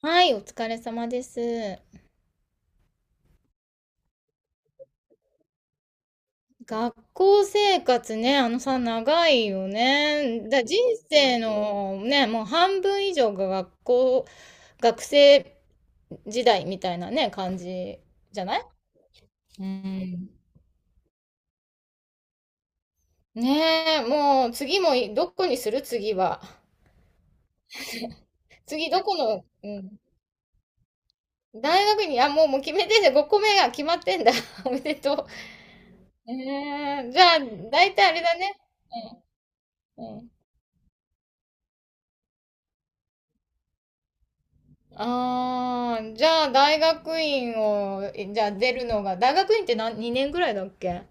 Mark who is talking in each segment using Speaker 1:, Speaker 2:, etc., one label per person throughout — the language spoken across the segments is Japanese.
Speaker 1: はい、お疲れ様です。学校生活ね、あのさ、長いよね。人生のね、もう半分以上が学校、学生時代みたいなね、感じじゃない。うん。ねえ、もう次もいどこにする次は。次どこの、うん、大学に、あ、もう、もう決めてんだ。5個目が決まってんだ。おめでとう。ねえじゃあ、大体あれだね。ああ、じゃあ大学院を、えじゃあ出るのが、大学院って何、2年ぐらいだっけ。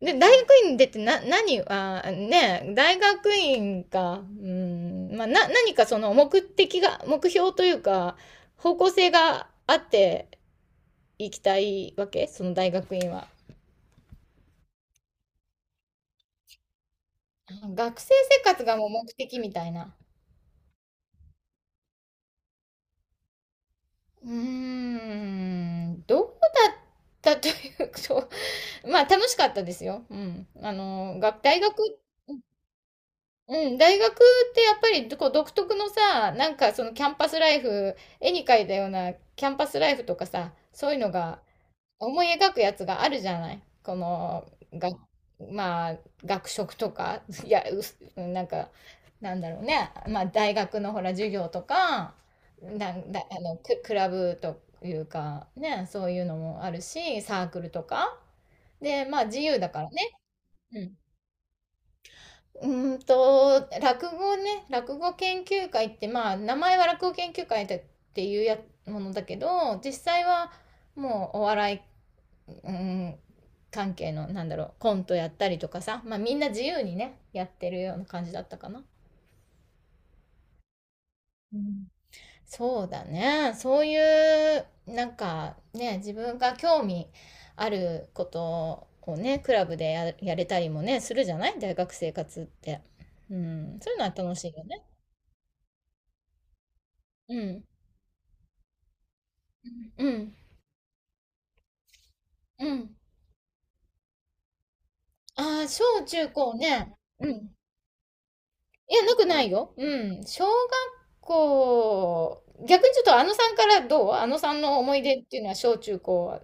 Speaker 1: で、大学院出てな、何、ねえ、大学院か、うん、まあ、何かその目的が、目標というか、方向性があっていきたいわけその大学院は。学生生活がもう目的みたいな。どうだったというと、まあ楽しかったですよ。うん。あの、大学、うん、大学ってやっぱりこう独特のさ、なんかそのキャンパスライフ、絵に描いたようなキャンパスライフとかさ、そういうのが思い描くやつがあるじゃない。この、が、まあ、学食とか、いや、うす、なんか、なんだろうね。まあ、大学のほら、授業とか、なん、だ、あの、ク、クラブというか、ね、そういうのもあるし、サークルとか。で、まあ、自由だからね。う落語ね、落語研究会って、まあ、名前は落語研究会だっていうやものだけど、実際はもうお笑い、うん、関係の、なんだろう、コントやったりとかさ、まあみんな自由にね、やってるような感じだったかな。うん、そうだね。そういう、なんかね、自分が興味あることをね、クラブでや、やれたりもね、するじゃない大学生活って。うん、そういうのは楽しいよね。うん。うん。うん。ああ、小中高ね。うん。いや、なくないよ。うん。小学校、逆にちょっとあのさんからどうあのさんの思い出っていうのは小中高は。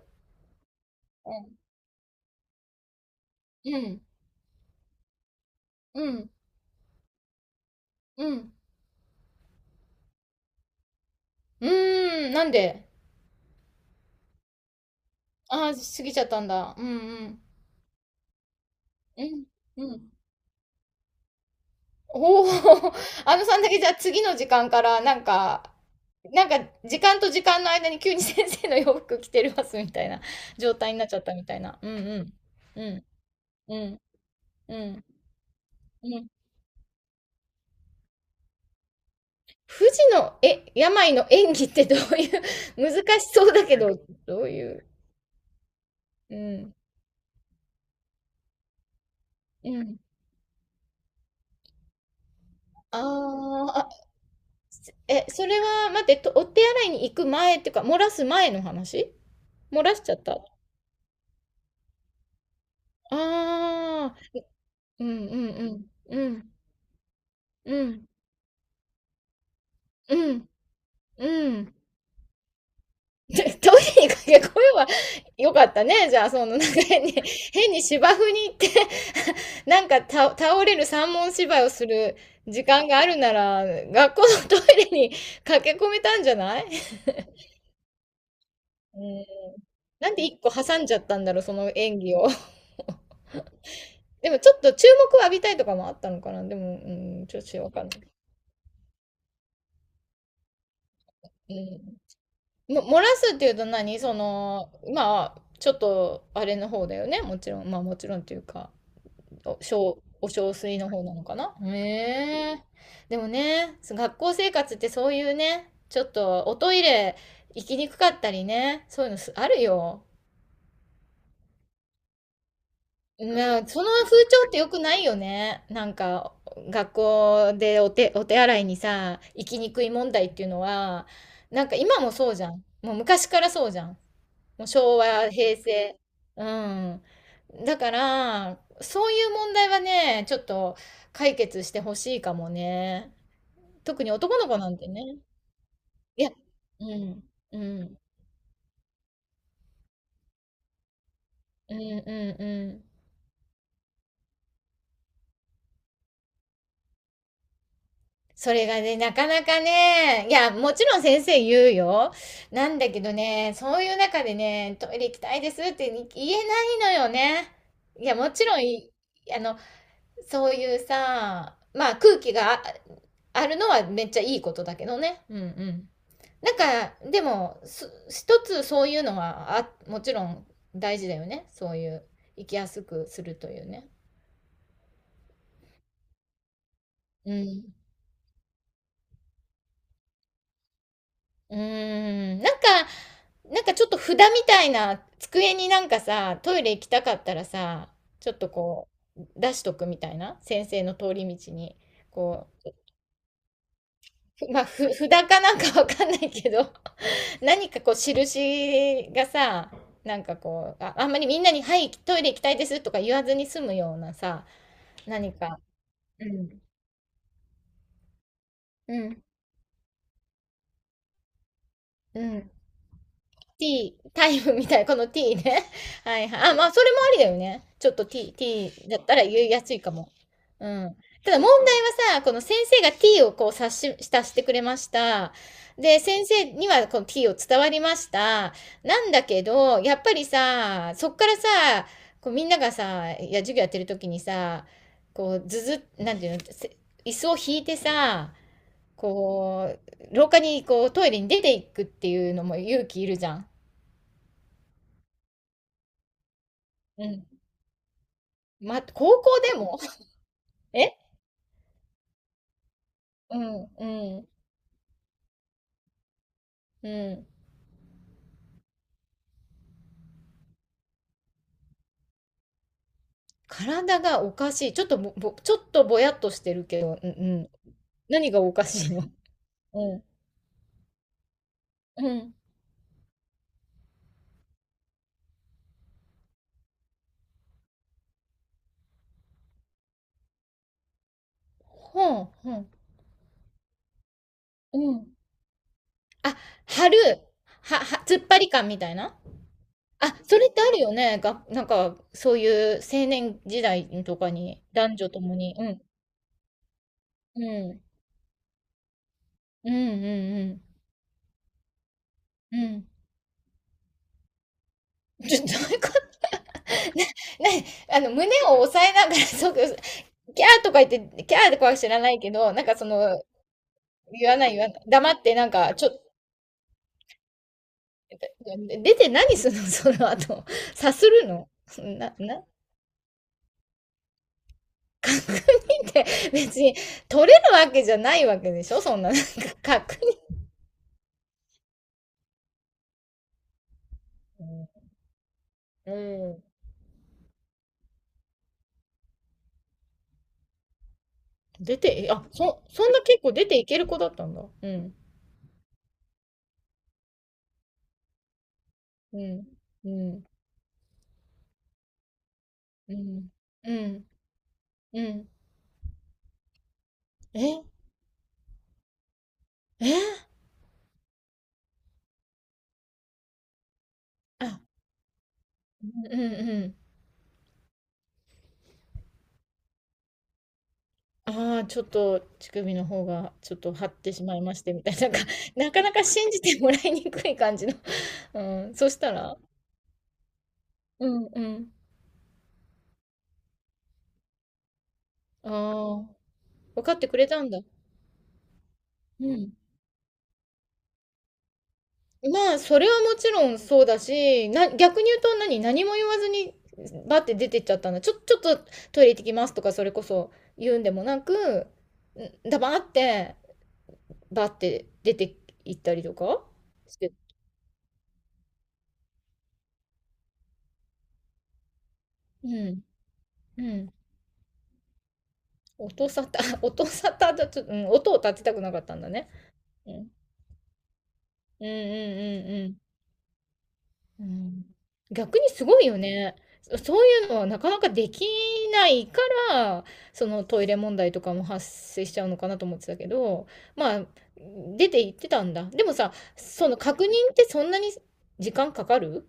Speaker 1: うん。うん。うん。うん。うーん。なんで。ああー、過ぎちゃったんだ。うんうん。うん。うん。おお。あのさんだけじゃあ次の時間からなんか、なんか時間と時間の間に急に先生の洋服着てますみたいな状態になっちゃったみたいな。うんうん。うん。うん、うん、うん。富士の、え、病の演技ってどういう。 難しそうだけど、どういう、うん、うん。あーあ、え、それは、待って、とお手洗いに行く前っていうか、漏らす前の話。漏らしちゃった。ああ、うんうんうん、うん、うん、うん、うん。トイレに駆け込めばよかったね。じゃあ、その、なんか変に、変に芝生に行ってなんかた倒れる三文芝居をする時間があるなら、学校のトイレに駆け込めたんじゃない。うん。なんで一個挟んじゃったんだろう、その演技を。でもちょっと注目を浴びたいとかもあったのかな。でも、うん、ちょっとわかんない。うん。漏らすっていうと何その、まあ、ちょっと、あれの方だよね。もちろん、まあもちろんっていうか。お小水の方なのかな。へえ。でもね、そ学校生活ってそういうね、ちょっとおトイレ行きにくかったりね、そういうのすあるよ。まあ、その風潮って良くないよね。なんか、学校でお手、お手洗いにさ、行きにくい問題っていうのは、なんか今もそうじゃん。もう昔からそうじゃん。もう昭和、平成。うん。だから、そういう問題はね、ちょっと解決してほしいかもね。特に男の子なんてね。いや、うん、うん、うん、うん、うん。それがね、なかなかね、いや、もちろん先生言うよ。なんだけどね、そういう中でね、トイレ行きたいですって言えないのよね。いや、もちろんい、あの、そういうさ、まあ空気があるのはめっちゃいいことだけどね。うんうん。なんか、でも、す一つそういうのはあ、もちろん大事だよね。そういう、生きやすくするというね。うん。うーん。なんか、なんかちょっと札みたいな机になんかさ、トイレ行きたかったらさ、ちょっとこう、出しとくみたいな。先生の通り道に、こう。 まあ、札かなんかわかんないけど、何かこう、印がさ、なんかこう、あんまりみんなに、はい、トイレ行きたいですとか言わずに済むようなさ、何か。うん。うん。うん。T、タイムみたいな、この T ね。はいはい。あ、まあ、それもありだよね。ちょっと T、T だったら言いやすいかも。うん。ただ問題はさ、この先生が T をこう察してくれました。で、先生にはこの T を伝わりました。なんだけど、やっぱりさ、そっからさ、こうみんながさ、いや、授業やってる時にさ、こう、ずず、なんていうの、椅子を引いてさ、こう、廊下にこうトイレに出ていくっていうのも勇気いるじゃん。うん。ま、高校でも。 え、うん、うん、うん。体がおかしい。ちょっとぼやっとしてるけど、うん、うん。何がおかしいの。 うん、うん。ほん、ほん、うん。あ、貼る。突っ張り感みたいな。あ、それってあるよね。が、なんか、そういう青年時代とかに、男女ともに。うん、うん、うん、うん、うん。うん。ちょ、どういうこと。 ね、ね、あの、胸を押さえながら、そう、キャーとか言って、キャーとかは知らないけど、なんかその、言わない言わない。黙ってなんか、ちょ、出て何するの。 その後。さするの。な、な、確認って別に取れるわけじゃないわけでしょそんな、なんか確認。うん。出て、え、あ、そ、そんな結構出ていける子だったんだ。うん。うん。うん。うん。うん。うん。ええ、あ、うんうんうん。ああ、ちょっと乳首の方がちょっと張ってしまいましてみたいな、なんか、なかなか信じてもらいにくい感じの、うん、そしたら。うんうん。ああ、分かってくれたんだ。うん。まあ、それはもちろんそうだし、な逆に言うと何何も言わずに、バッて出てっちゃったんだ。ちょ、ちょっとトイレ行ってきますとかそれこそ言うんでもなく、ん、ダバーって、バッて出て行ったりとかして。うん、うん。音沙汰、音沙汰だと、うん、音を立てたくなかったんだね。うん。うんうんうんうん。うん。逆にすごいよね。そそういうのはなかなかできないから、そのトイレ問題とかも発生しちゃうのかなと思ってたけど、まあ、出て行ってたんだ。でもさ、その確認ってそんなに時間かかる